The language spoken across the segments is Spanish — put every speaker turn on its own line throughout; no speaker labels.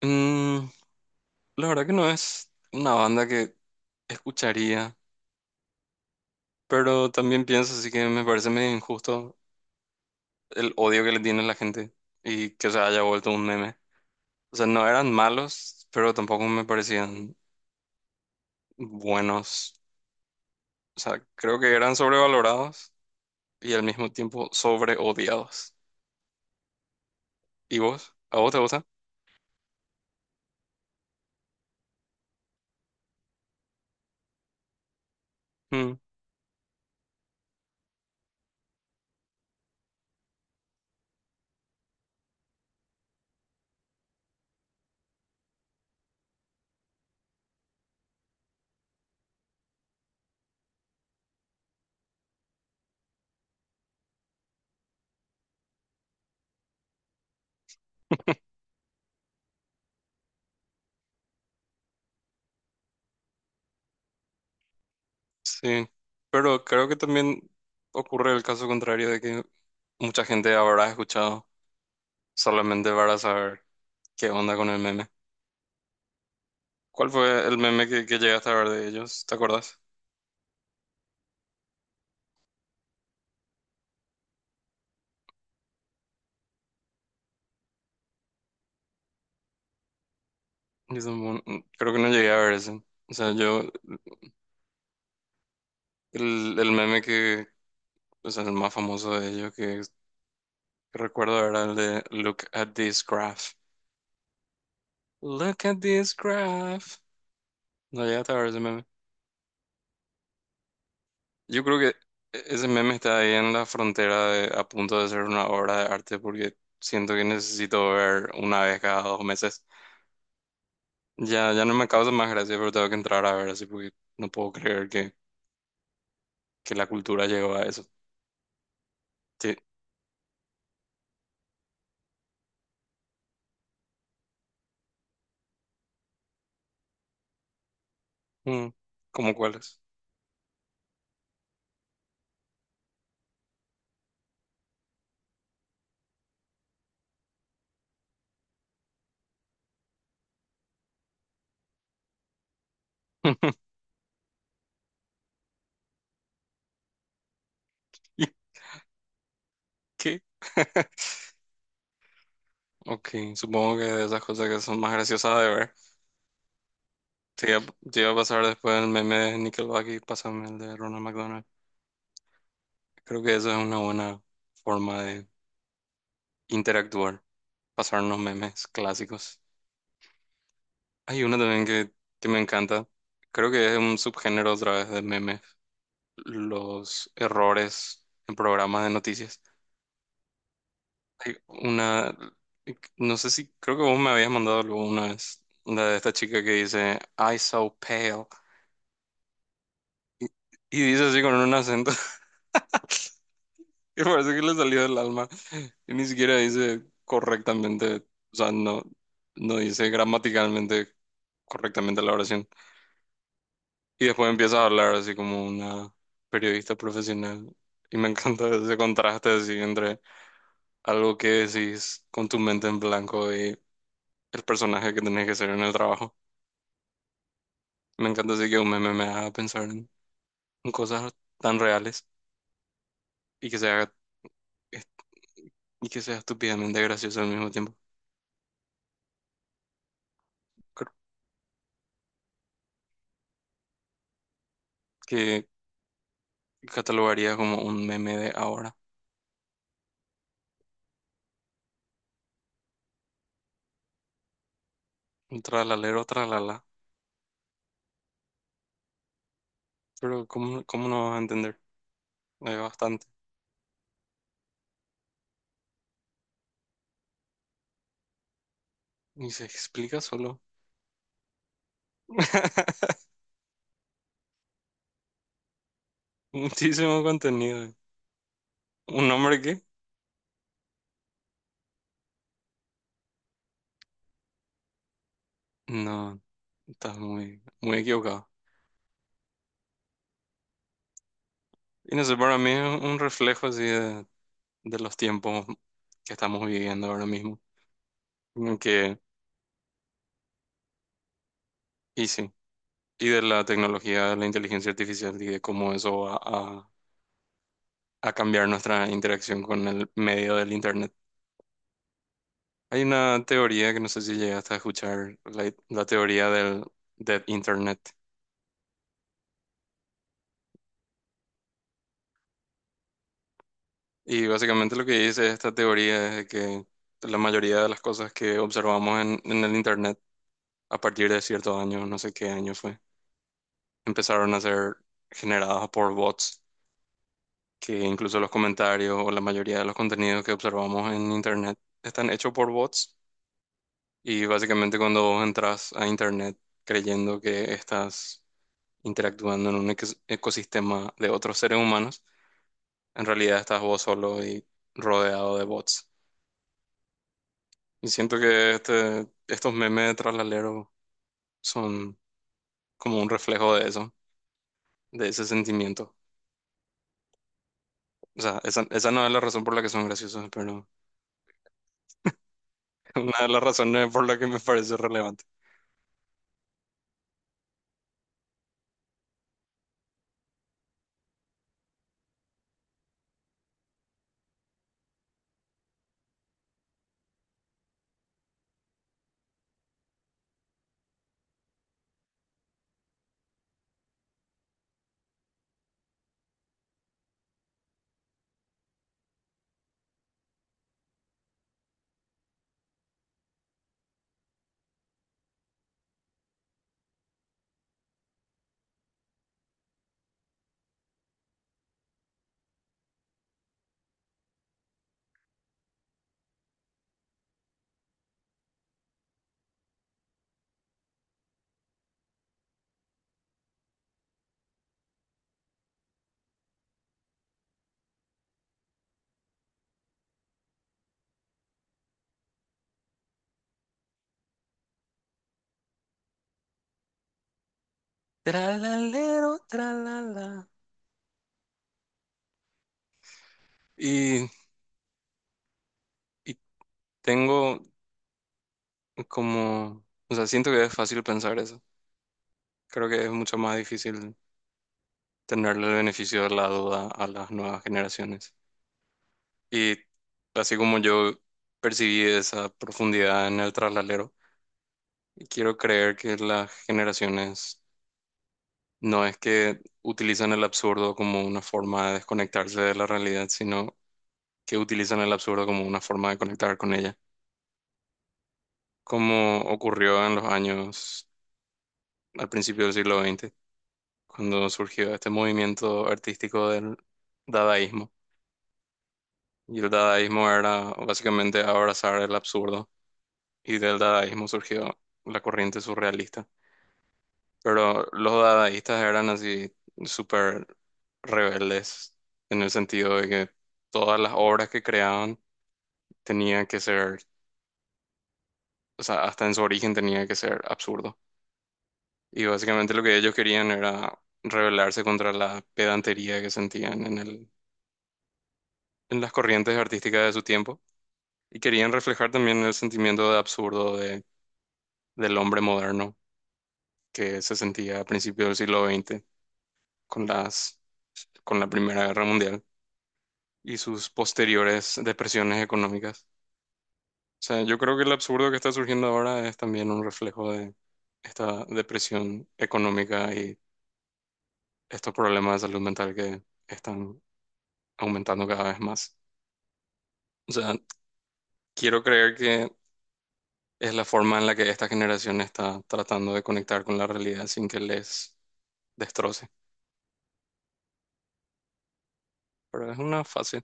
Mm, la verdad que no es una banda que escucharía, pero también pienso así que me parece medio injusto el odio que le tiene la gente y que se haya vuelto un meme. O sea, no eran malos, pero tampoco me parecían buenos. O sea, creo que eran sobrevalorados y al mismo tiempo sobreodiados. ¿Y vos? ¿A vos te gusta? Mm, sí, pero creo que también ocurre el caso contrario de que mucha gente habrá escuchado solamente para saber. ¿Qué onda con el meme? ¿Cuál fue el meme que llegaste a ver de ellos? ¿Te acuerdas? Yo tampoco- creo que no llegué a ver ese. O sea, yo, el meme que, o sea, el más famoso de ellos que recuerdo era el de "Look at this graph". "Look at this graph". No llegaste a ver ese meme. Yo creo que ese meme está ahí en la frontera de- a punto de ser una obra de arte porque siento que necesito ver una vez cada dos meses. Ya no me causa más gracia, pero tengo que entrar a ver así porque no puedo creer que la cultura llegó a eso. Sí. Mm, ¿cómo cuáles? ¿Y qué? Ok, supongo que de esas cosas que son más graciosas de ver. Te iba, te iba a pasar después el meme de Nickelback y pásame el de Ronald McDonald. Creo que eso es una buena forma de interactuar, pasarnos memes clásicos. Hay uno también que me encanta. Creo que es un subgénero otra vez de memes. Los errores en programas de noticias. Hay una, no sé si, creo que vos me habías mandado algo una vez, la de esta chica que dice, "I so pale", y, y dice así con un acento que parece que le salió del alma, y ni siquiera dice correctamente, o sea, no, no dice gramaticalmente correctamente la oración, y después empieza a hablar así como una periodista profesional, y me encanta ese contraste así entre algo que decís con tu mente en blanco y el personaje que tenés que ser en el trabajo. Me encanta así que un meme me haga pensar en cosas tan reales y que sea, y que sea estúpidamente gracioso al mismo tiempo. Creo que catalogaría como un meme de ahora. Un tralalero, tralala. Pero ¿cómo, cómo no vas a entender? Hay bastante. Y se explica solo. Muchísimo contenido. ¿Un hombre qué? No, estás muy, muy equivocado. Y no sé, para mí es un reflejo así de los tiempos que estamos viviendo ahora mismo. Como que, y sí, y de la tecnología, de la inteligencia artificial y de cómo eso va a cambiar nuestra interacción con el medio del Internet. Hay una teoría que no sé si llegaste a escuchar, la teoría del Dead Internet. Y básicamente lo que dice esta teoría es que la mayoría de las cosas que observamos en el Internet a partir de ciertos años, no sé qué año fue, empezaron a ser generadas por bots, que incluso los comentarios o la mayoría de los contenidos que observamos en Internet están hechos por bots. Y básicamente cuando vos entras a internet creyendo que estás interactuando en un ecosistema de otros seres humanos, en realidad estás vos solo y rodeado de bots. Y siento que este, estos memes de tralalero son como un reflejo de eso, de ese sentimiento. O sea, esa no es la razón por la que son graciosos, pero una de las razones por la que me parece relevante. Tralalero, tralala. Y, y tengo, como, o sea, siento que es fácil pensar eso. Creo que es mucho más difícil tenerle el beneficio de la duda a las nuevas generaciones. Y así como yo percibí esa profundidad en el traslalero, quiero creer que las generaciones no es que utilizan el absurdo como una forma de desconectarse de la realidad, sino que utilizan el absurdo como una forma de conectar con ella, como ocurrió en los años al principio del siglo XX cuando surgió este movimiento artístico del dadaísmo. Y el dadaísmo era básicamente abrazar el absurdo. Y del dadaísmo surgió la corriente surrealista. Pero los dadaístas eran así súper rebeldes en el sentido de que todas las obras que creaban tenían que ser, o sea, hasta en su origen tenía que ser absurdo. Y básicamente lo que ellos querían era rebelarse contra la pedantería que sentían en el, en las corrientes artísticas de su tiempo. Y querían reflejar también el sentimiento de absurdo de, del hombre moderno que se sentía a principios del siglo XX con las, con la Primera Guerra Mundial y sus posteriores depresiones económicas. O sea, yo creo que el absurdo que está surgiendo ahora es también un reflejo de esta depresión económica y estos problemas de salud mental que están aumentando cada vez más. O sea, quiero creer que es la forma en la que esta generación está tratando de conectar con la realidad sin que les destroce. Pero es una fácil.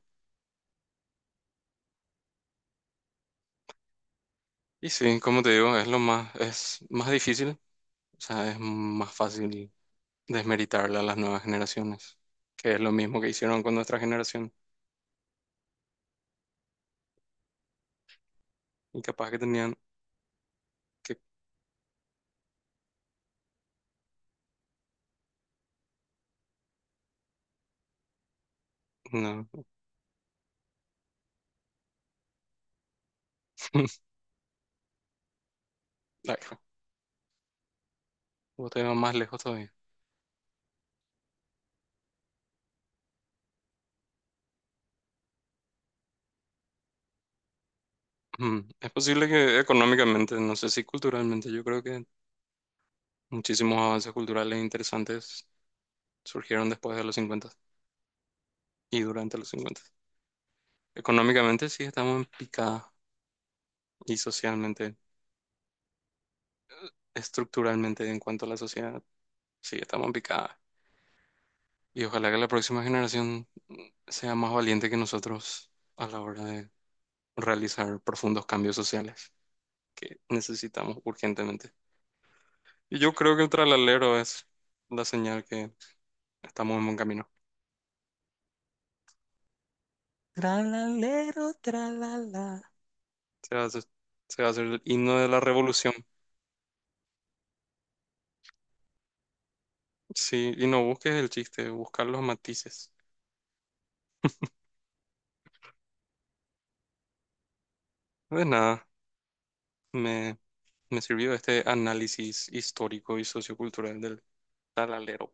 Y sí, como te digo, es lo más, es más difícil, o sea, es más fácil desmeritarle a las nuevas generaciones, que es lo mismo que hicieron con nuestra generación. Y capaz que tenían que, no, claro, vos te vas más lejos todavía. Mm, es posible que económicamente, no sé si culturalmente, yo creo que muchísimos avances culturales interesantes surgieron después de los 50 y durante los cincuenta. Económicamente sí estamos en picada y socialmente, estructuralmente en cuanto a la sociedad. Sí, estamos picadas. Y ojalá que la próxima generación mm, sea más valiente que nosotros a la hora de realizar profundos cambios sociales que necesitamos urgentemente. Y yo creo que el tralalero es la señal que estamos en buen camino. Tralalero, tralala. Se va a hacer, se va a hacer el himno de la revolución. Sí, y no busques el chiste, buscar los matices. De nada, me, me sirvió este análisis histórico y sociocultural del tralalero.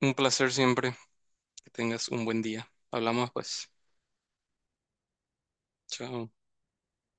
Un placer siempre. Que tengas un buen día. Hablamos pues. Chao.